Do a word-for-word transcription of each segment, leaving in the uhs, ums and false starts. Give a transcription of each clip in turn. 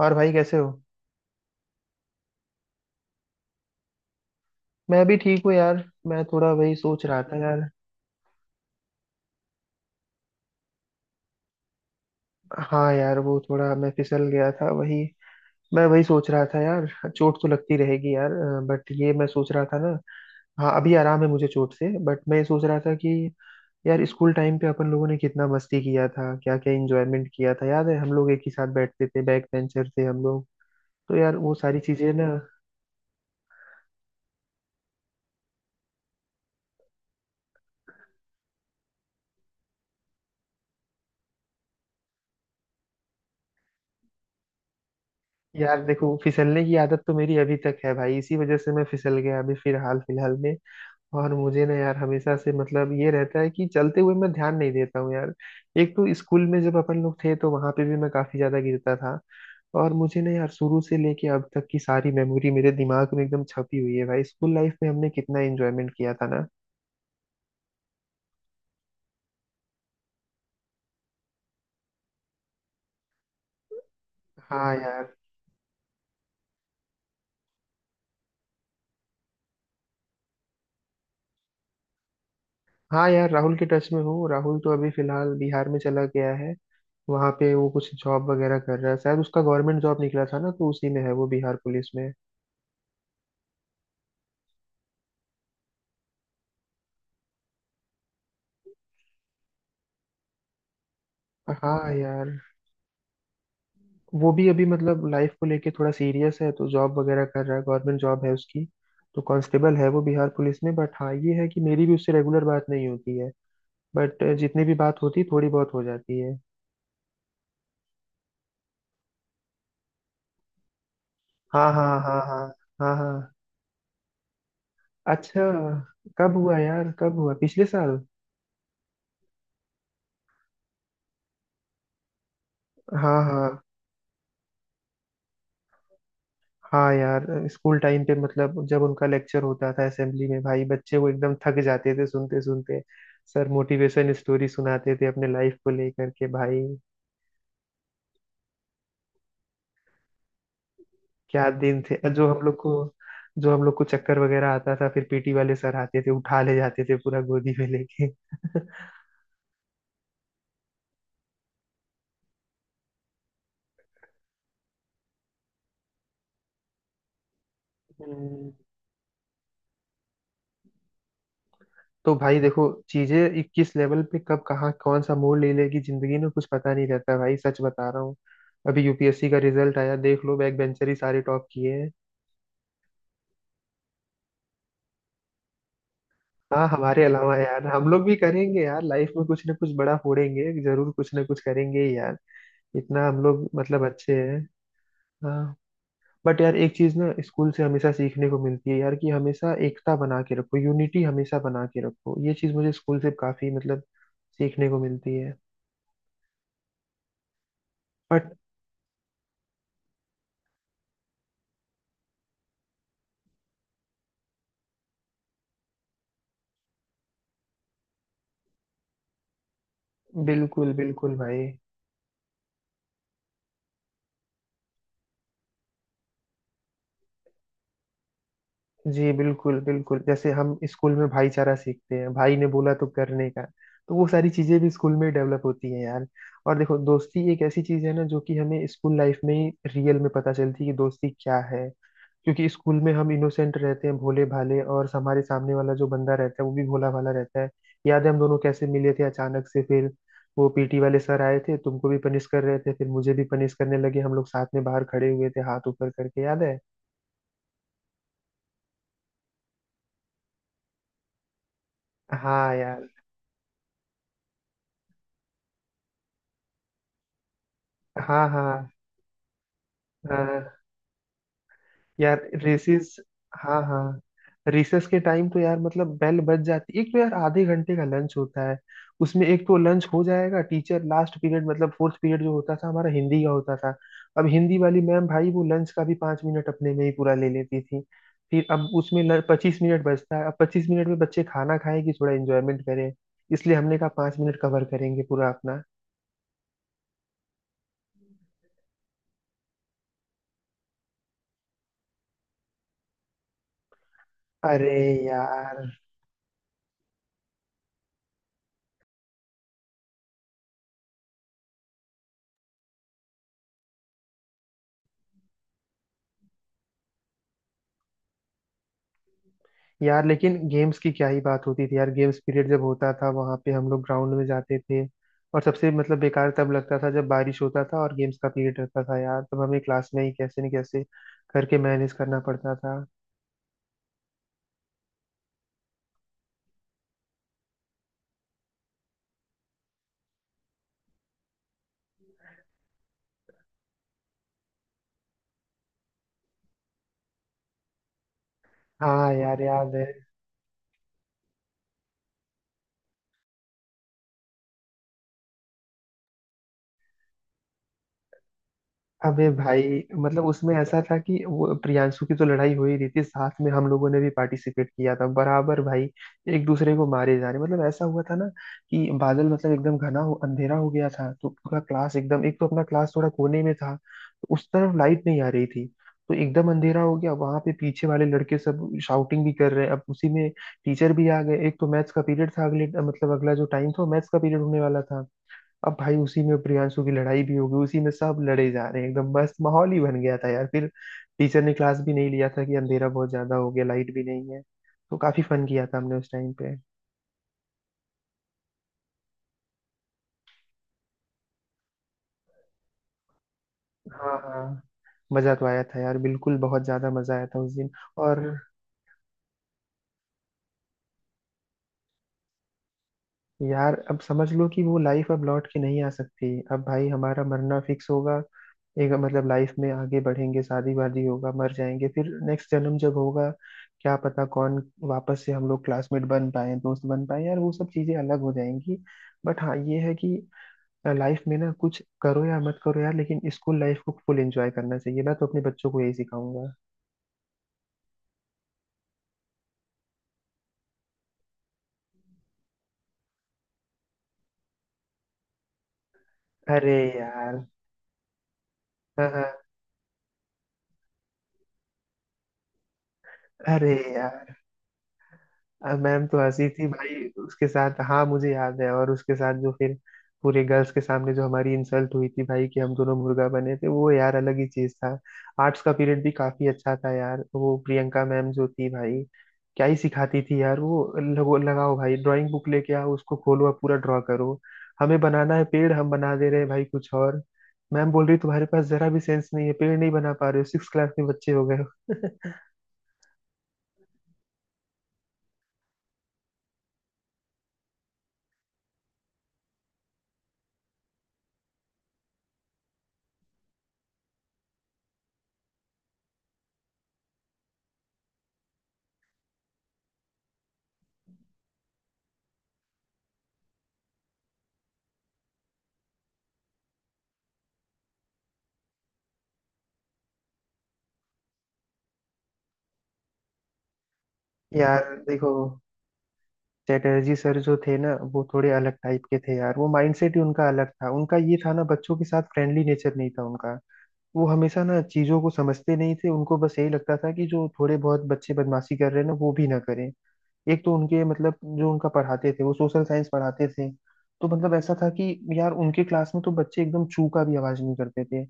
और भाई कैसे हो। मैं भी ठीक हूँ यार। मैं थोड़ा वही सोच रहा था यार। हाँ यार वो थोड़ा मैं फिसल गया था वही। मैं वही सोच रहा था यार। चोट तो लगती रहेगी यार। बट ये मैं सोच रहा था ना। हाँ अभी आराम है मुझे चोट से, बट मैं ये सोच रहा था कि यार स्कूल टाइम पे अपन लोगों ने कितना मस्ती किया था, क्या क्या इंजॉयमेंट किया था। याद है हम लोग एक ही साथ बैठते थे, बैक बेंचर थे हम लोग। तो यार वो सारी चीजें ना। यार देखो फिसलने की आदत तो मेरी अभी तक है भाई, इसी वजह से मैं फिसल गया अभी फिलहाल फिलहाल में। और मुझे ना यार हमेशा से मतलब ये रहता है कि चलते हुए मैं ध्यान नहीं देता हूँ यार। एक तो स्कूल में जब अपन लोग थे तो वहां पे भी मैं काफी ज्यादा गिरता था। और मुझे ना यार शुरू से लेके अब तक की सारी मेमोरी मेरे दिमाग में एकदम छपी हुई है भाई। स्कूल लाइफ में हमने कितना एंजॉयमेंट किया था ना। हाँ यार। हाँ यार राहुल के टच में हूँ। राहुल तो अभी फिलहाल बिहार में चला गया है। वहां पे वो कुछ जॉब वगैरह कर रहा है, शायद उसका गवर्नमेंट जॉब निकला था ना तो उसी में है वो, बिहार पुलिस में। हाँ यार। वो भी अभी मतलब लाइफ को लेके थोड़ा सीरियस है तो जॉब वगैरह कर रहा है, गवर्नमेंट जॉब है उसकी। तो कांस्टेबल है वो बिहार पुलिस में। बट हाँ ये है कि मेरी भी उससे रेगुलर बात नहीं होती है। बट जितनी भी बात होती है थोड़ी बहुत हो जाती है। हाँ हाँ हाँ हाँ। हाँ हाँ। अच्छा। कब हुआ यार? कब हुआ? पिछले साल? हाँ हाँ। हाँ यार स्कूल टाइम पे मतलब जब उनका लेक्चर होता था असेंबली में भाई, बच्चे वो एकदम थक जाते थे सुनते सुनते। सर मोटिवेशन स्टोरी सुनाते थे अपने लाइफ को लेकर के भाई। क्या दिन थे जो हम लोग को। जो हम लोग को चक्कर वगैरह आता था फिर पीटी वाले सर आते थे उठा ले जाते थे पूरा गोदी में लेके। हम्म, तो भाई देखो, चीजें किस लेवल पे कब कहाँ कौन सा मोड़ ले लेगी जिंदगी में कुछ पता नहीं रहता भाई, सच बता रहा हूँ। अभी यूपीएससी का रिजल्ट आया देख लो, बैक बेंचर ही सारे टॉप किए हैं। हाँ हमारे अलावा यार, हम लोग भी करेंगे यार लाइफ में कुछ ना कुछ बड़ा फोड़ेंगे, जरूर कुछ ना कुछ करेंगे ही यार। इतना हम लोग मतलब अच्छे हैं। हाँ। बट यार एक चीज ना स्कूल से हमेशा सीखने को मिलती है यार कि हमेशा एकता बना के रखो, यूनिटी हमेशा बना के रखो। ये चीज मुझे स्कूल से काफी मतलब सीखने को मिलती है। बट बिल्कुल बिल्कुल भाई। जी बिल्कुल बिल्कुल। जैसे हम स्कूल में भाईचारा सीखते हैं, भाई ने बोला तो करने का, तो वो सारी चीजें भी स्कूल में डेवलप होती हैं यार। और देखो दोस्ती एक ऐसी चीज है ना जो कि हमें स्कूल लाइफ में ही रियल में पता चलती है कि दोस्ती क्या है। क्योंकि स्कूल में हम इनोसेंट रहते हैं, भोले भाले, और हमारे सामने वाला जो बंदा रहता है वो भी भोला भाला रहता है। याद है हम दोनों कैसे मिले थे अचानक से? फिर वो पीटी वाले सर आए थे, तुमको भी पनिश कर रहे थे फिर मुझे भी पनिश करने लगे। हम लोग साथ में बाहर खड़े हुए थे हाथ ऊपर करके, याद है? हाँ यार। हाँ हाँ। हाँ यार। रेसेस। हाँ हाँ। रिसेस के टाइम तो यार मतलब बेल बज जाती, एक तो यार आधे घंटे का लंच होता है। उसमें एक तो लंच हो जाएगा, टीचर लास्ट पीरियड मतलब फोर्थ पीरियड जो होता था हमारा हिंदी का होता था। अब हिंदी वाली मैम भाई वो लंच का भी पाँच मिनट अपने में ही पूरा ले लेती थी। फिर अब उसमें पच्चीस मिनट बचता है। अब पच्चीस मिनट में बच्चे खाना खाएं कि थोड़ा एंजॉयमेंट करें? इसलिए हमने कहा पाँच मिनट कवर करेंगे पूरा अपना। अरे यार। यार लेकिन गेम्स की क्या ही बात होती थी यार। गेम्स पीरियड जब होता था वहां पे हम लोग ग्राउंड में जाते थे। और सबसे मतलब बेकार तब लगता था जब बारिश होता था और गेम्स का पीरियड रहता था यार, तब हमें क्लास में ही कैसे न कैसे करके मैनेज करना पड़ता था। हाँ यार याद है। अबे भाई, मतलब उसमें ऐसा था कि वो प्रियांशु की तो लड़ाई हो ही रही थी, साथ में हम लोगों ने भी पार्टिसिपेट किया था बराबर भाई। एक दूसरे को मारे जा रहे, मतलब ऐसा हुआ था ना कि बादल मतलब एकदम घना हो, अंधेरा हो गया था, तो पूरा क्लास एकदम, एक तो अपना क्लास थोड़ा कोने में था तो उस तरफ लाइट नहीं आ रही थी, तो एकदम अंधेरा हो गया। वहां पे पीछे वाले लड़के सब शाउटिंग भी कर रहे हैं, अब उसी में टीचर भी आ गए। एक तो मैथ्स का पीरियड था अगले, मतलब अगला जो टाइम था मैथ्स का पीरियड होने वाला था। अब भाई उसी में प्रियांशु की लड़ाई भी हो गई, उसी में सब लड़े जा रहे हैं, एकदम मस्त माहौल ही बन गया था यार। फिर टीचर ने क्लास भी नहीं लिया था कि अंधेरा बहुत ज्यादा हो गया, लाइट भी नहीं है। तो काफी फन किया था हमने उस टाइम पे। हाँ हाँ। मजा तो आया था यार बिल्कुल, बहुत ज्यादा मजा आया था उस दिन। और यार अब समझ लो कि वो लाइफ अब लौट के नहीं आ सकती, अब भाई हमारा मरना फिक्स होगा। एक मतलब लाइफ में आगे बढ़ेंगे, शादी वादी होगा, मर जाएंगे, फिर नेक्स्ट जन्म जब होगा क्या पता कौन वापस से हम लोग क्लासमेट बन पाए, दोस्त बन पाए। यार वो सब चीजें अलग हो जाएंगी। बट हाँ ये है कि लाइफ में ना कुछ करो या मत करो यार, लेकिन स्कूल लाइफ को फुल एंजॉय करना चाहिए। मैं तो अपने बच्चों को यही सिखाऊंगा। अरे यार। हाँ, हाँ। अरे यार। अब मैम तो हंसी थी भाई उसके साथ, हाँ मुझे याद है। और उसके साथ जो फिर पूरे गर्ल्स के सामने जो हमारी इंसल्ट हुई थी भाई कि हम दोनों मुर्गा बने थे, वो यार अलग ही चीज था। आर्ट्स का पीरियड भी काफी अच्छा था यार। वो प्रियंका मैम जो थी भाई, क्या ही सिखाती थी यार वो। लगो लगाओ भाई, ड्राइंग बुक लेके आओ, उसको खोलो और पूरा ड्रॉ करो। हमें बनाना है पेड़, हम बना दे रहे हैं भाई कुछ और। मैम बोल रही तुम्हारे पास जरा भी सेंस नहीं है, पेड़ नहीं बना पा रहे हो, सिक्स क्लास में बच्चे हो गए हो। यार देखो, चटर्जी सर जो थे ना वो थोड़े अलग टाइप के थे यार। वो माइंडसेट ही उनका अलग था, उनका ये था ना बच्चों के साथ फ्रेंडली नेचर नहीं था उनका। वो हमेशा ना चीजों को समझते नहीं थे, उनको बस यही लगता था कि जो थोड़े बहुत बच्चे बदमाशी कर रहे हैं ना वो भी ना करें। एक तो उनके मतलब, जो उनका पढ़ाते थे वो सोशल साइंस पढ़ाते थे। तो मतलब ऐसा था कि यार उनके क्लास में तो बच्चे एकदम चू का भी आवाज नहीं करते थे।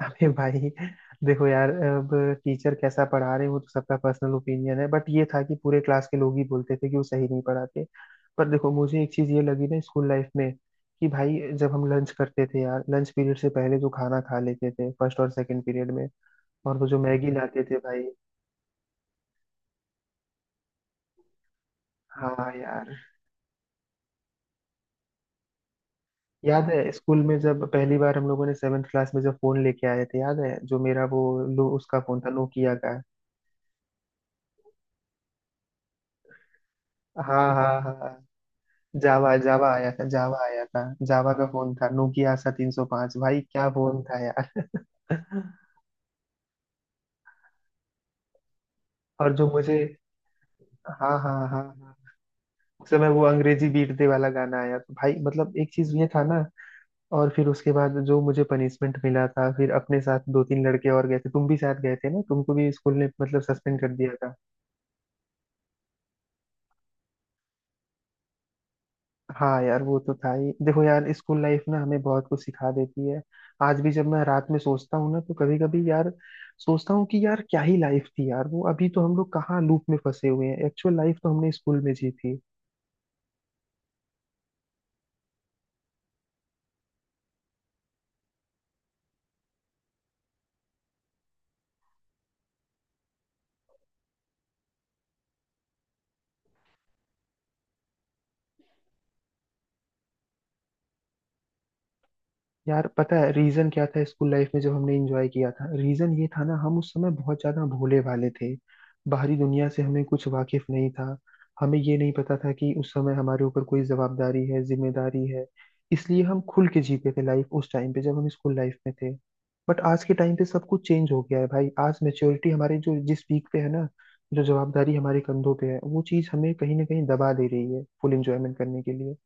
अरे भाई देखो यार, अब टीचर कैसा पढ़ा रहे हैं वो तो सबका पर्सनल ओपिनियन है, बट ये था कि पूरे क्लास के लोग ही बोलते थे कि वो सही नहीं पढ़ाते। पर देखो मुझे एक चीज ये लगी ना स्कूल लाइफ में कि भाई जब हम लंच करते थे यार, लंच पीरियड से पहले जो खाना खा लेते थे फर्स्ट और सेकंड पीरियड में, और वो जो मैगी लाते थे भाई। हाँ यार। याद है स्कूल में जब पहली बार हम लोगों ने सेवेंथ क्लास में जब फोन लेके आए थे? याद है जो मेरा वो, लो उसका फोन था नोकिया का। हाँ हाँ हाँ। जावा जावा आया था, जावा आया था। जावा का फोन था, नोकिया आसा तीन सौ पाँच, भाई क्या फोन था यार। और जो मुझे, हाँ हाँ हाँ हाँ, उस समय वो अंग्रेजी बीटते वाला गाना आया तो भाई मतलब एक चीज ये था ना। और फिर उसके बाद जो मुझे पनिशमेंट मिला था, फिर अपने साथ दो तीन लड़के और गए थे, तुम भी साथ गए थे ना, तुमको भी स्कूल ने मतलब सस्पेंड कर दिया। हाँ यार वो तो था ही। देखो यार स्कूल लाइफ ना हमें बहुत कुछ सिखा देती है। आज भी जब मैं रात में सोचता हूँ ना तो कभी कभी यार सोचता हूँ कि यार क्या ही लाइफ थी यार वो। अभी तो हम लोग कहाँ लूप में फंसे हुए हैं, एक्चुअल लाइफ तो हमने स्कूल में जी थी। यार पता है रीजन क्या था स्कूल लाइफ में जब हमने एंजॉय किया था? रीजन ये था ना हम उस समय बहुत ज्यादा भोले भाले थे, बाहरी दुनिया से हमें कुछ वाकिफ नहीं था। हमें ये नहीं पता था कि उस समय हमारे ऊपर कोई जवाबदारी है, जिम्मेदारी है। इसलिए हम खुल के जीते थे लाइफ उस टाइम पे जब हम स्कूल लाइफ में थे। बट आज के टाइम पे सब कुछ चेंज हो गया है भाई। आज मेच्योरिटी हमारे जो जिस पीक पे है ना, जो जवाबदारी हमारे कंधों पे है, वो चीज हमें कहीं ना कहीं दबा दे रही है फुल एंजॉयमेंट करने के लिए।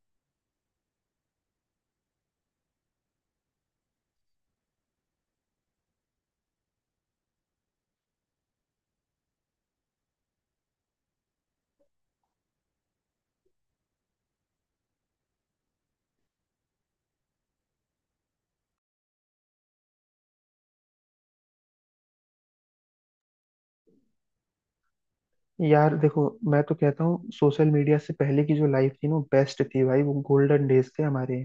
यार देखो, मैं तो कहता हूँ सोशल मीडिया से पहले की जो लाइफ थी ना बेस्ट थी भाई, वो गोल्डन डेज थे हमारे।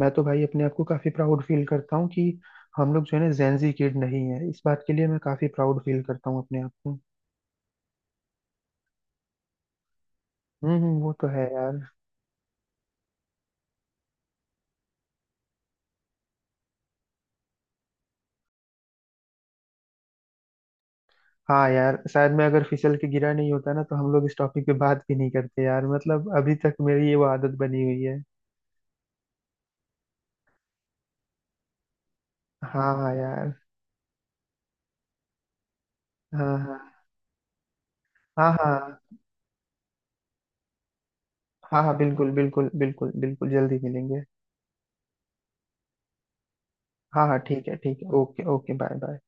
मैं तो भाई अपने आप को काफी प्राउड फील करता हूँ कि हम लोग जो है ना जेंजी किड नहीं है, इस बात के लिए मैं काफी प्राउड फील करता हूँ अपने आप को। हम्म हम्म, वो तो है यार। हाँ यार, शायद मैं अगर फिसल के गिरा नहीं होता ना तो हम लोग इस टॉपिक पे बात भी नहीं करते यार, मतलब अभी तक मेरी ये वो आदत बनी हुई है। हाँ हाँ यार। हाँ हाँ। हाँ हाँ। हाँ हाँ बिल्कुल बिल्कुल बिल्कुल बिल्कुल, जल्दी मिलेंगे। हाँ हाँ ठीक है ठीक है, ओके ओके, बाय बाय।